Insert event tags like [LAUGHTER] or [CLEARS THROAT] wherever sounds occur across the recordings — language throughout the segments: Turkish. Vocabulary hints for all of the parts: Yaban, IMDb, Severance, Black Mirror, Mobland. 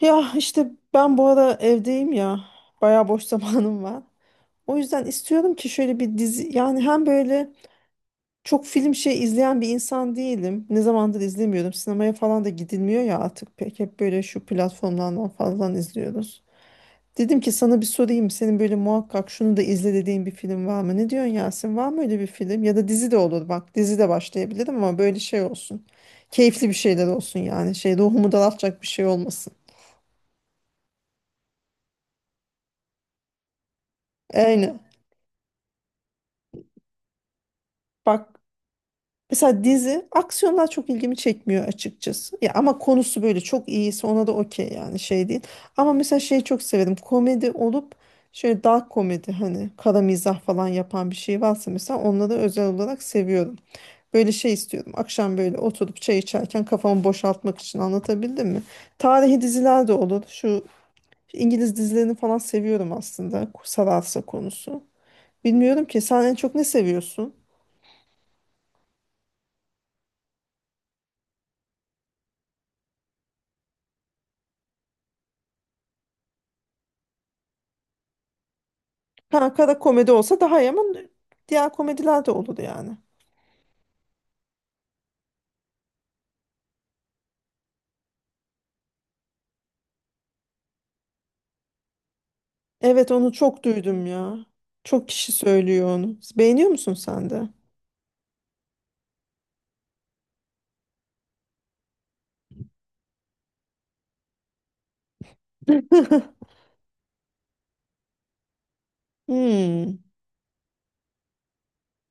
Ya işte ben bu ara evdeyim ya. Bayağı boş [LAUGHS] zamanım var. O yüzden istiyorum ki şöyle bir dizi yani hem böyle çok film izleyen bir insan değilim. Ne zamandır izlemiyorum. Sinemaya falan da gidilmiyor ya artık pek. Hep böyle şu platformlardan falan izliyoruz. Dedim ki sana bir sorayım. Senin böyle muhakkak şunu da izle dediğin bir film var mı? Ne diyorsun Yasin? Var mı öyle bir film? Ya da dizi de olur bak. Dizi de başlayabilirim ama böyle şey olsun. Keyifli bir şeyler olsun yani. Ruhumu daraltacak bir şey olmasın. Aynen. Bak, mesela dizi aksiyonlar çok ilgimi çekmiyor açıkçası. Ya ama konusu böyle çok iyiyse ona da okey yani şey değil. Ama mesela şeyi çok severim. Komedi olup şöyle dark komedi hani kara mizah falan yapan bir şey varsa mesela onları özel olarak seviyorum. Böyle şey istiyorum. Akşam böyle oturup çay içerken kafamı boşaltmak için anlatabildim mi? Tarihi diziler de olur. Şu İngiliz dizilerini falan seviyorum aslında. Sararsa konusu. Bilmiyorum ki sen en çok ne seviyorsun? Ha, kara komedi olsa daha iyi ama diğer komediler de olur yani. Evet, onu çok duydum ya. Çok kişi söylüyor onu. Beğeniyor musun sen de? Hmm.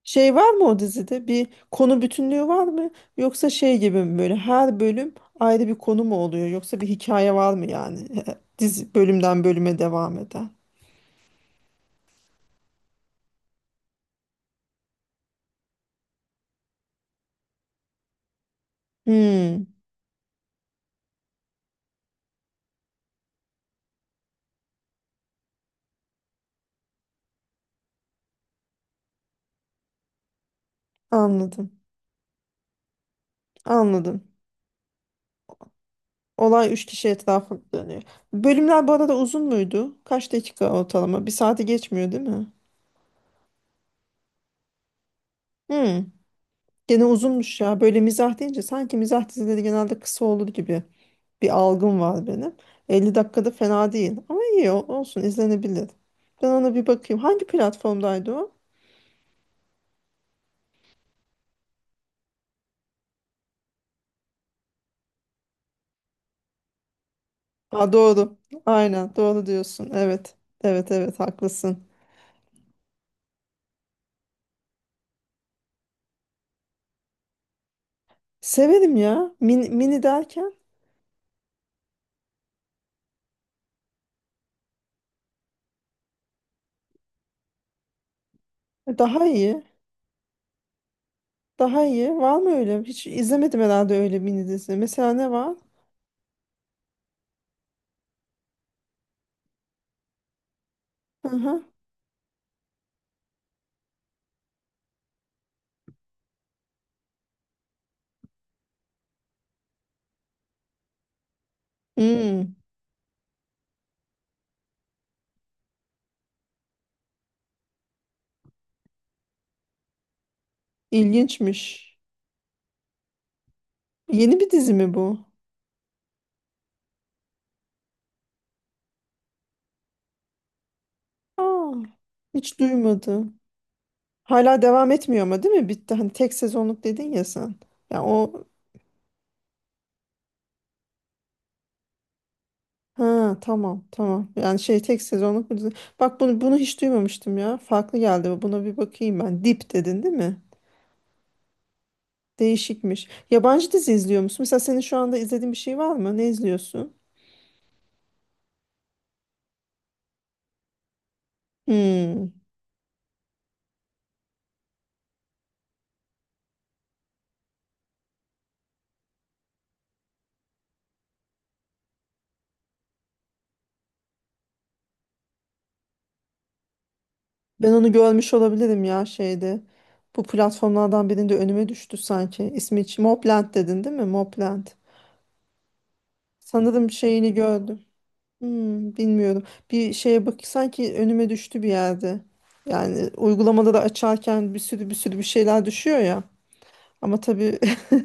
Şey var mı o dizide? Bir konu bütünlüğü var mı? Yoksa şey gibi mi, böyle her bölüm ayrı bir konu mu oluyor? Yoksa bir hikaye var mı yani? [LAUGHS] Dizi bölümden bölüme devam eden. Hmm. Anladım. Anladım. Olay üç kişi etrafında dönüyor. Bölümler bu arada uzun muydu? Kaç dakika ortalama? Bir saati geçmiyor değil mi? Hmm, gene uzunmuş ya. Böyle mizah deyince sanki mizah dizileri genelde kısa olur gibi bir algım var benim. 50 dakikada fena değil. Ama iyi olsun, izlenebilir. Ben ona bir bakayım. Hangi platformdaydı o? Aa, doğru. Aynen doğru diyorsun. Evet. Evet, haklısın. Severim ya. Mini derken daha iyi. Daha iyi. Var mı öyle? Hiç izlemedim herhalde öyle mini dizi. Mesela ne var? Hı hı. Hmm, ilginçmiş. Yeni bir dizi mi bu? Aa, hiç duymadım. Hala devam etmiyor ama değil mi? Bitti. Hani tek sezonluk dedin ya sen. Ya o Ha, tamam tamam. Yani şey tek sezonluk bir dizi. Bak bunu hiç duymamıştım ya. Farklı geldi. Buna bir bakayım ben. Dip dedin değil mi? Değişikmiş. Yabancı dizi izliyor musun? Mesela senin şu anda izlediğin bir şey var mı? Ne izliyorsun? Hmm. Ben onu görmüş olabilirim ya şeyde. Bu platformlardan birinde önüme düştü sanki. İsmi Mobland dedin değil mi? Mobland. Sanırım şeyini gördüm. Hmm, bilmiyorum. Bir şeye bak, sanki önüme düştü bir yerde. Yani uygulamaları açarken bir sürü bir şeyler düşüyor ya. Ama tabii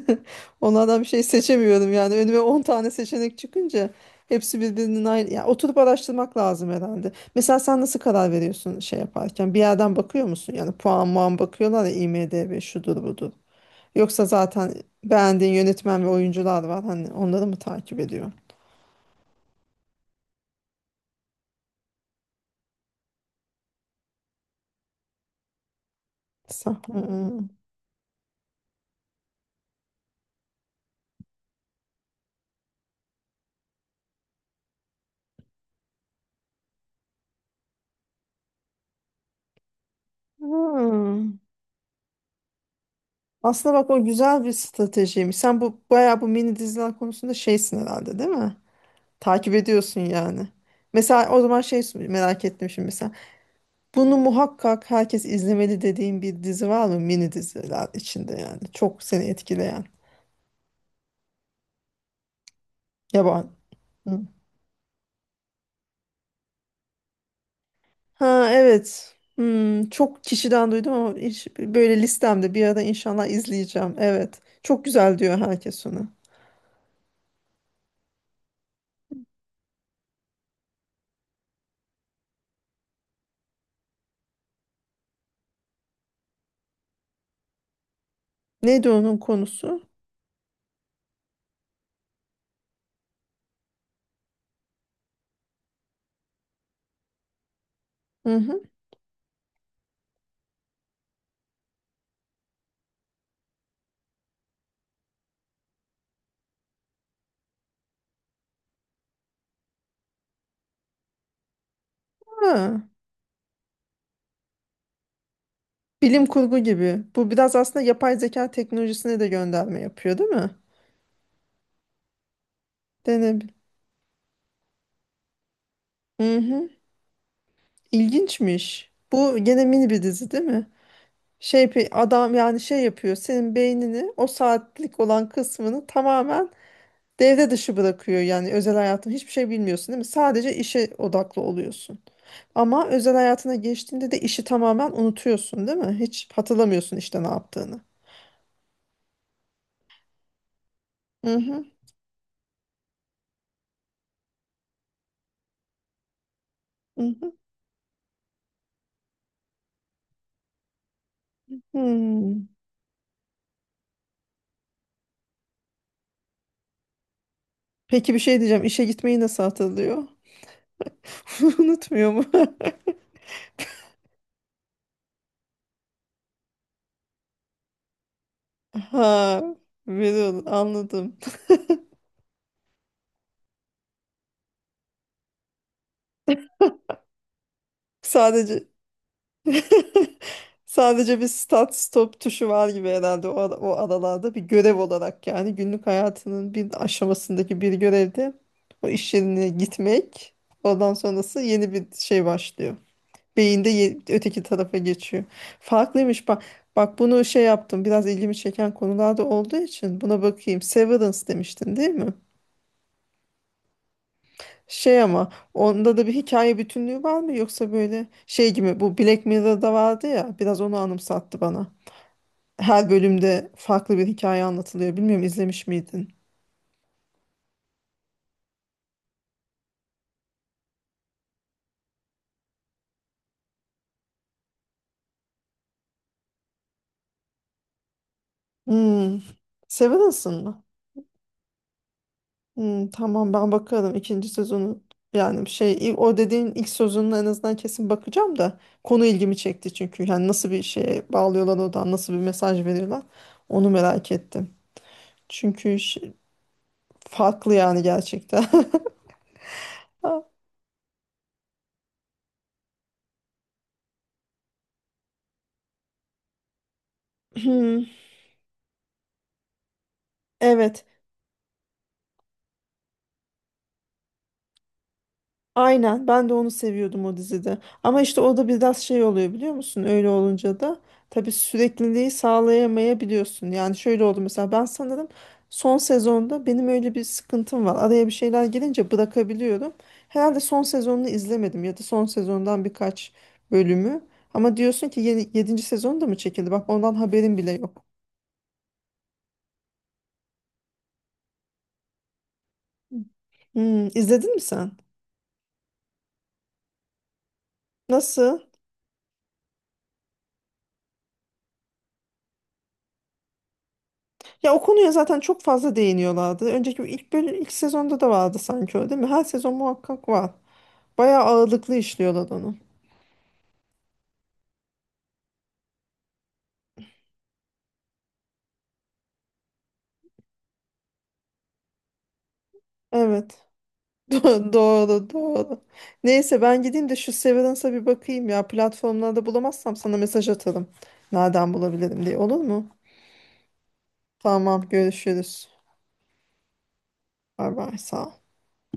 [LAUGHS] onlardan bir şey seçemiyorum yani. Önüme 10 tane seçenek çıkınca hepsi birbirinin aynı. Ya oturup araştırmak lazım herhalde. Mesela sen nasıl karar veriyorsun şey yaparken? Bir yerden bakıyor musun? Yani puan muan bakıyorlar ya, IMDb şudur budur. Yoksa zaten beğendiğin yönetmen ve oyuncular var. Hani onları mı takip ediyor? Hmm. Hmm. Aslında bak, o güzel bir stratejiymiş. Sen bayağı bu mini diziler konusunda şeysin herhalde değil mi? Takip ediyorsun yani. Mesela o zaman şey merak ettim şimdi mesela. Bunu muhakkak herkes izlemeli dediğin bir dizi var mı mini diziler içinde yani? Çok seni etkileyen. Yaban. Hı. Ha evet. Hmm, çok kişiden duydum ama hiç, böyle listemde bir ara inşallah izleyeceğim. Evet. Çok güzel diyor herkes onu. Neydi onun konusu? Hı hı. Ha. Bilim kurgu gibi. Bu biraz aslında yapay zeka teknolojisine de gönderme yapıyor, değil mi? Dene. Hı hı. İlginçmiş. Bu gene mini bir dizi, değil mi? Adam yani şey yapıyor. Senin beynini o saatlik olan kısmını tamamen devre dışı bırakıyor. Yani özel hayatın hiçbir şey bilmiyorsun, değil mi? Sadece işe odaklı oluyorsun. Ama özel hayatına geçtiğinde de işi tamamen unutuyorsun, değil mi? Hiç hatırlamıyorsun işte ne yaptığını. Hı hı. Hı hı. Hmm. Peki bir şey diyeceğim. İşe gitmeyi nasıl hatırlıyor? [LAUGHS] Unutmuyor mu? [LAUGHS] Ha, biliyorum, anladım. Sadece [LAUGHS] sadece bir start stop tuşu var gibi herhalde. O aralarda bir görev olarak, yani günlük hayatının bir aşamasındaki bir görevde o iş yerine gitmek, oradan sonrası yeni bir şey başlıyor. Beyinde öteki tarafa geçiyor. Farklıymış bak. Bak bunu şey yaptım. Biraz ilgimi çeken konularda olduğu için buna bakayım. Severance demiştin değil mi? Şey, ama onda da bir hikaye bütünlüğü var mı yoksa böyle şey gibi? Bu Black Mirror'da vardı ya, biraz onu anımsattı bana. Her bölümde farklı bir hikaye anlatılıyor. Bilmiyorum, izlemiş miydin? Hmm. Severance'ın mı? Hmm, tamam, ben bakarım ikinci sezonu. Yani o dediğin ilk sezonuna en azından kesin bakacağım da konu ilgimi çekti çünkü. Yani nasıl bir şeye bağlıyorlar, oradan nasıl bir mesaj veriyorlar onu merak ettim. Çünkü şey- Farklı yani gerçekten. [LAUGHS] [CLEARS THROAT] Evet, aynen. Ben de onu seviyordum o dizide. Ama işte o da biraz şey oluyor biliyor musun? Öyle olunca da tabii sürekliliği sağlayamayabiliyorsun. Yani şöyle oldu mesela, ben sanırım son sezonda, benim öyle bir sıkıntım var. Araya bir şeyler gelince bırakabiliyorum. Herhalde son sezonunu izlemedim ya da son sezondan birkaç bölümü. Ama diyorsun ki yeni, yedinci sezon da mı çekildi? Bak ondan haberim bile yok. Hmm, izledin mi sen? Nasıl? Ya o konuya zaten çok fazla değiniyorlardı. Önceki ilk bölüm, ilk sezonda da vardı sanki o değil mi? Her sezon muhakkak var. Bayağı ağırlıklı işliyorlar onu. Evet. [LAUGHS] Doğru, doğru. Neyse, ben gideyim de şu Severance'a bir bakayım ya. Platformlarda bulamazsam sana mesaj atarım. Nereden bulabilirim diye. Olur mu? Tamam, görüşürüz. Bay bay, sağ ol.